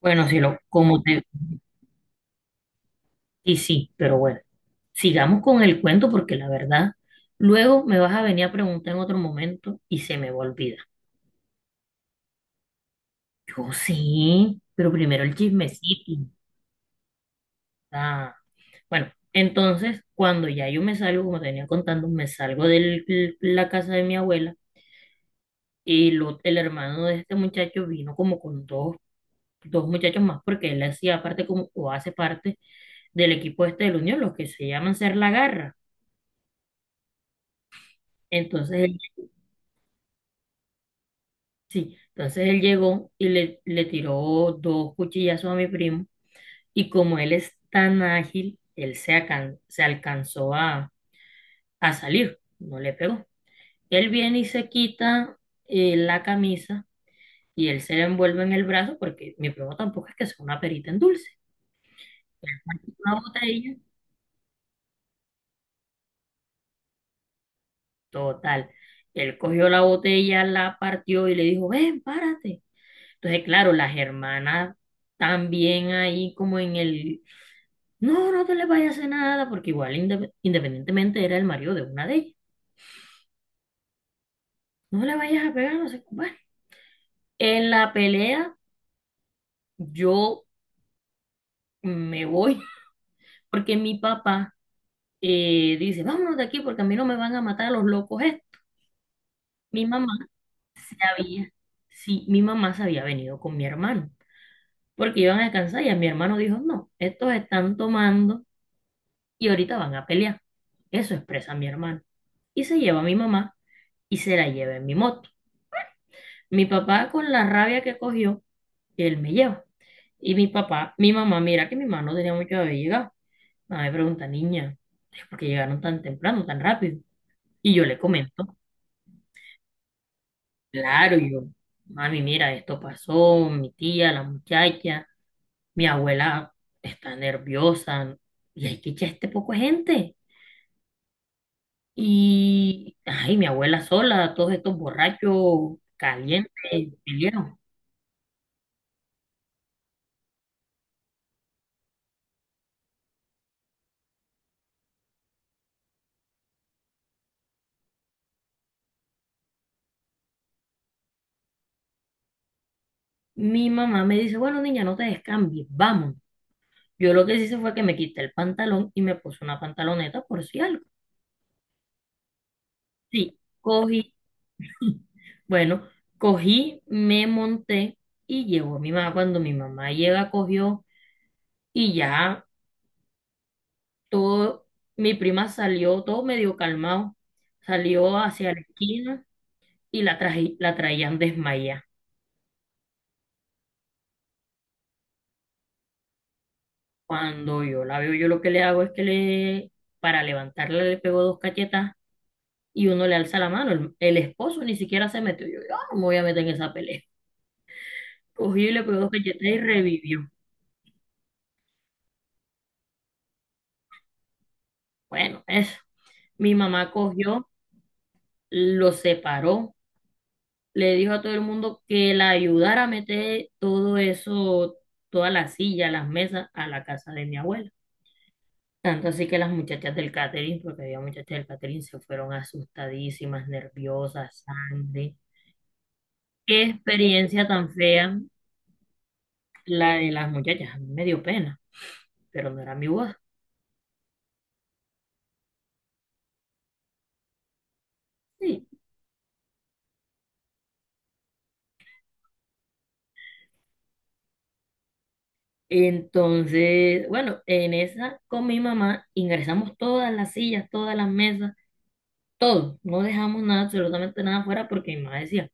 Bueno, sí, y sí, pero bueno, sigamos con el cuento porque la verdad, luego me vas a venir a preguntar en otro momento y se me va a olvidar. Yo sí, pero primero el chismecito. ah. Bueno, entonces, cuando ya yo me salgo, como te venía contando, me salgo de la casa de mi abuela y el hermano de este muchacho vino como con dos muchachos más porque él hacía parte como, o hace parte del equipo este de la Unión, los que se llaman Ser la Garra. Entonces. Sí, entonces él llegó y le tiró dos cuchillazos a mi primo y como él es tan ágil, él se, se alcanzó a salir, no le pegó. Él viene y se quita la camisa y él se la envuelve en el brazo porque mi primo tampoco es que sea una perita en dulce. Una botella, total. Él cogió la botella, la partió y le dijo, ven, párate. Entonces, claro, las hermanas también ahí como en el. No, no te le vayas a hacer nada, porque igual independientemente era el marido de una de ellas. No le vayas a pegar, no sé cómo es. En la pelea yo me voy, porque mi papá dice, vámonos de aquí porque a mí no me van a matar a los locos estos. Mi mamá se había, sí, mi mamá se había venido con mi hermano, porque iban a descansar y a mi hermano dijo, no, estos están tomando y ahorita van a pelear. Eso expresa mi hermano. Y se lleva a mi mamá y se la lleva en mi moto. Mi papá con la rabia que cogió, él me lleva. Y mi papá, mi mamá, mira que mi mamá no tenía mucho de haber llegado. Mamá me pregunta, niña, ¿por qué llegaron tan temprano, tan rápido? Y yo le comento, claro, yo, mami, mira, esto pasó, mi tía, la muchacha, mi abuela está nerviosa y hay que echar este poco de gente. Y, ay, mi abuela sola, todos estos borrachos calientes, peleados. Mi mamá me dice, bueno, niña, no te descambies, vamos. Yo lo que hice fue que me quité el pantalón y me puse una pantaloneta por si algo. Sí, bueno, cogí, me monté y llegó mi mamá. Cuando mi mamá llega, cogió y ya todo, mi prima salió todo medio calmado, salió hacia la esquina y la traje, la traían desmayada. Cuando yo la veo, yo lo que le hago es que le, para levantarla le pego dos cachetas y uno le alza la mano. El esposo ni siquiera se metió. Yo no me voy a meter en esa pelea. Cogí y le pegó dos cachetas y revivió. Bueno, eso. Mi mamá cogió, lo separó, le dijo a todo el mundo que la ayudara a meter todo eso, todas las sillas, las mesas a la casa de mi abuela. Tanto así que las muchachas del catering, porque había muchachas del catering, se fueron asustadísimas, nerviosas, sangre. Qué experiencia tan fea la de las muchachas, a mí me dio pena, pero no era mi voz. Sí. Entonces, bueno, en esa con mi mamá ingresamos todas las sillas, todas las mesas todo, no dejamos nada, absolutamente nada afuera, porque mi mamá decía,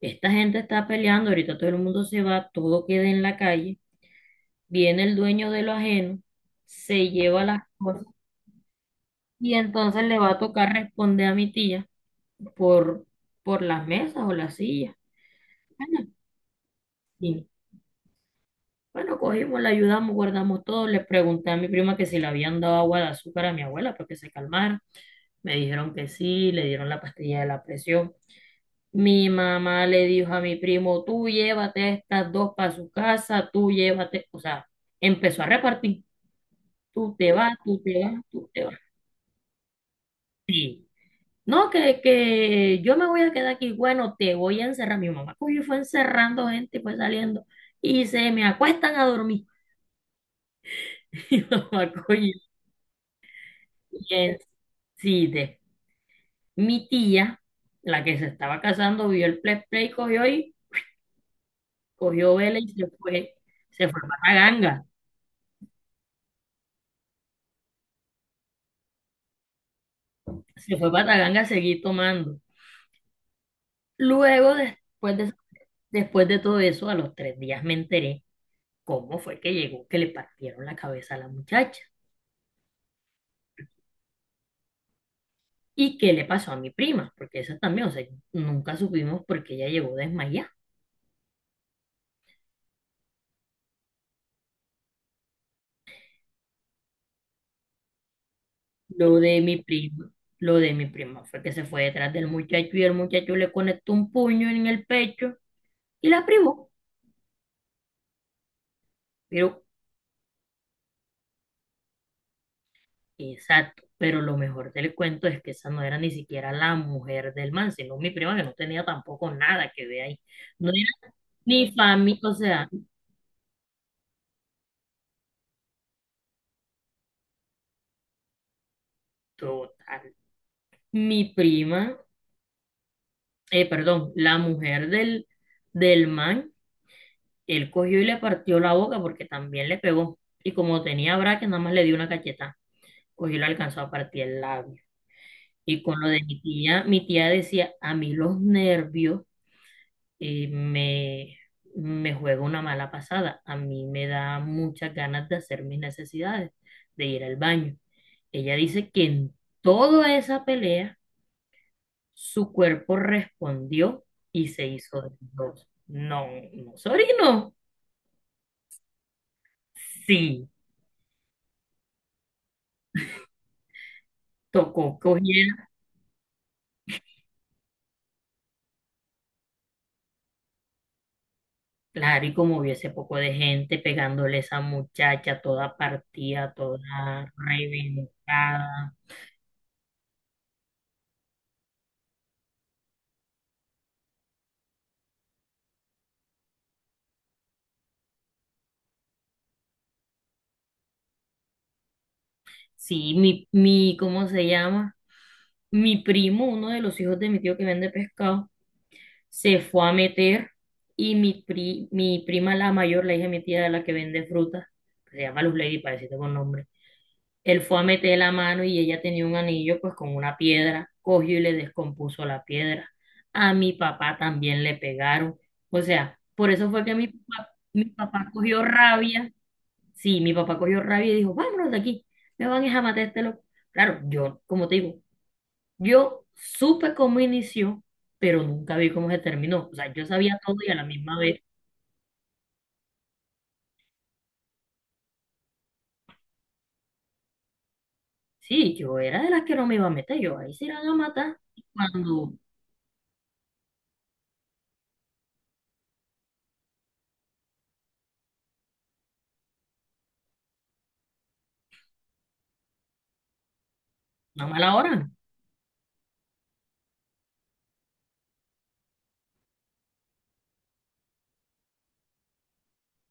esta gente está peleando, ahorita todo el mundo se va, todo queda en la calle, viene el dueño de lo ajeno, se lleva las cosas y entonces le va a tocar responder a mi tía por, por las mesas o las sillas. Bueno, y, bueno, cogimos, la ayudamos, guardamos todo, le pregunté a mi prima que si le habían dado agua de azúcar a mi abuela para que se calmara, me dijeron que sí, le dieron la pastilla de la presión. Mi mamá le dijo a mi primo, tú llévate a estas dos para su casa, tú llévate, o sea, empezó a repartir, tú te vas, tú te vas, tú te vas. Sí. No, que yo me voy a quedar aquí, bueno, te voy a encerrar. Mi mamá cogió y fue encerrando gente y fue saliendo y se me acuestan a dormir. Mi mamá cogió y en- sí, mi tía, la que se estaba casando, vio el play cogió y cogió vela y se fue para Ganga. Se fue para Taganga a seguir tomando. Luego, después de todo eso, a los 3 días me enteré cómo fue que llegó, que le partieron la cabeza a la muchacha y qué le pasó a mi prima, porque eso también, o sea, nunca supimos por qué ella llegó desmayada. Lo de mi prima, lo de mi prima fue que se fue detrás del muchacho y el muchacho le conectó un puño en el pecho y la privó. Pero. Exacto, pero lo mejor del cuento es que esa no era ni siquiera la mujer del man, sino mi prima que no tenía tampoco nada que ver ahí. No era ni familia, o sea, total. Mi prima, perdón, la mujer del man, él cogió y le partió la boca porque también le pegó. Y como tenía braque, nada más le dio una cachetada, cogió y le alcanzó a partir el labio. Y con lo de mi tía decía, a mí los nervios. Y me juego una mala pasada. A mí me da muchas ganas de hacer mis necesidades, de ir al baño. Ella dice que en toda esa pelea su cuerpo respondió y se hizo de dos. No, no se orinó. Sí, tocó cogiera. Claro, y como hubiese poco de gente pegándole a esa muchacha toda partida, toda reventada. Sí, mi, ¿cómo se llama? Mi primo, uno de los hijos de mi tío que vende pescado, se fue a meter y mi prima, la mayor, la hija de mi tía, la que vende fruta, que se llama Luz Lady, parecida con nombre, él fue a meter la mano y ella tenía un anillo pues con una piedra, cogió y le descompuso la piedra. A mi papá también le pegaron. O sea, por eso fue que mi papá cogió rabia. Sí, mi papá cogió rabia y dijo, vámonos de aquí, me van a matar a este loco. Claro, yo, como te digo, yo supe cómo inició, pero nunca vi cómo se terminó. O sea, yo sabía todo y a la misma vez, sí, yo era de las que no me iba a meter, yo ahí se iban a matar cuando a mala hora.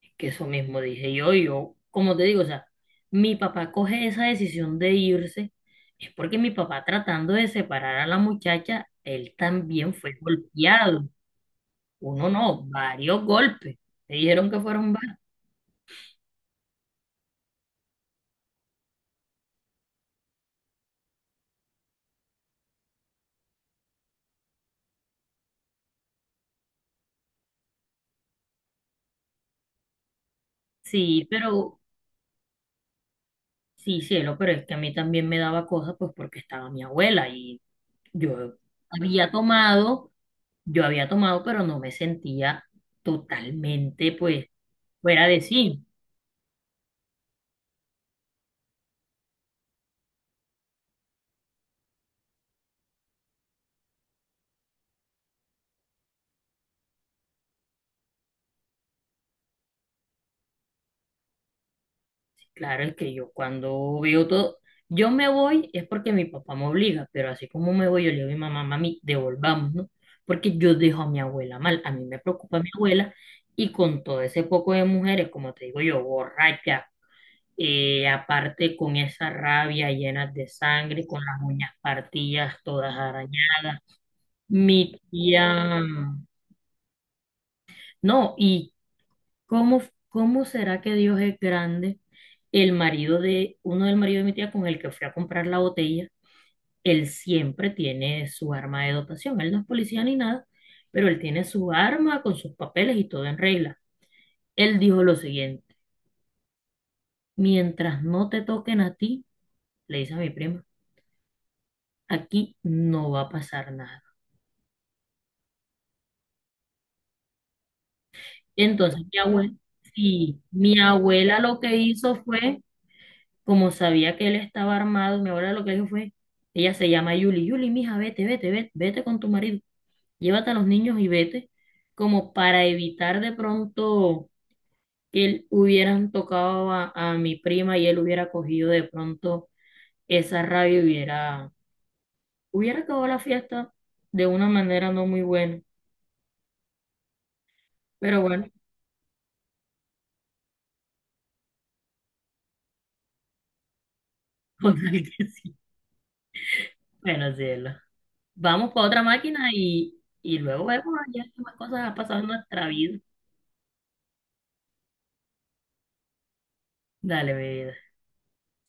Es que eso mismo dije yo, y yo, como te digo, o sea, mi papá coge esa decisión de irse, es porque mi papá tratando de separar a la muchacha, él también fue golpeado. Uno no, varios golpes. Me dijeron que fueron varios. Sí, pero. Sí, cielo, pero es que a mí también me daba cosas, pues porque estaba mi abuela y yo había tomado, yo había tomado, pero no me sentía totalmente, pues, fuera de sí. Claro, es que yo cuando veo todo, yo me voy es porque mi papá me obliga, pero así como me voy, yo le digo a mi mamá, mami, devolvamos, ¿no? Porque yo dejo a mi abuela mal, a mí me preocupa mi abuela y con todo ese poco de mujeres, como te digo yo, borracha aparte con esa rabia llena de sangre, con las uñas partidas, todas arañadas. Mi tía, no, y cómo, cómo será que Dios es grande? El marido de, uno del marido de mi tía con el que fui a comprar la botella, él siempre tiene su arma de dotación, él no es policía ni nada, pero él tiene su arma con sus papeles y todo en regla. Él dijo lo siguiente, mientras no te toquen a ti, le dice a mi prima, aquí no va a pasar nada. Entonces mi abuela, sí, mi abuela lo que hizo fue, como sabía que él estaba armado, mi abuela lo que dijo fue, ella se llama Yuli, Yuli, mija, vete, vete, vete, vete con tu marido, llévate a los niños y vete, como para evitar de pronto que él hubieran tocado a mi prima y él hubiera cogido de pronto esa rabia, y hubiera acabado la fiesta de una manera no muy buena, pero bueno, con que sí, bueno, sí, es lo. Vamos para otra máquina y, luego vemos ya qué más cosas han pasado en nuestra vida. Dale, mi vida.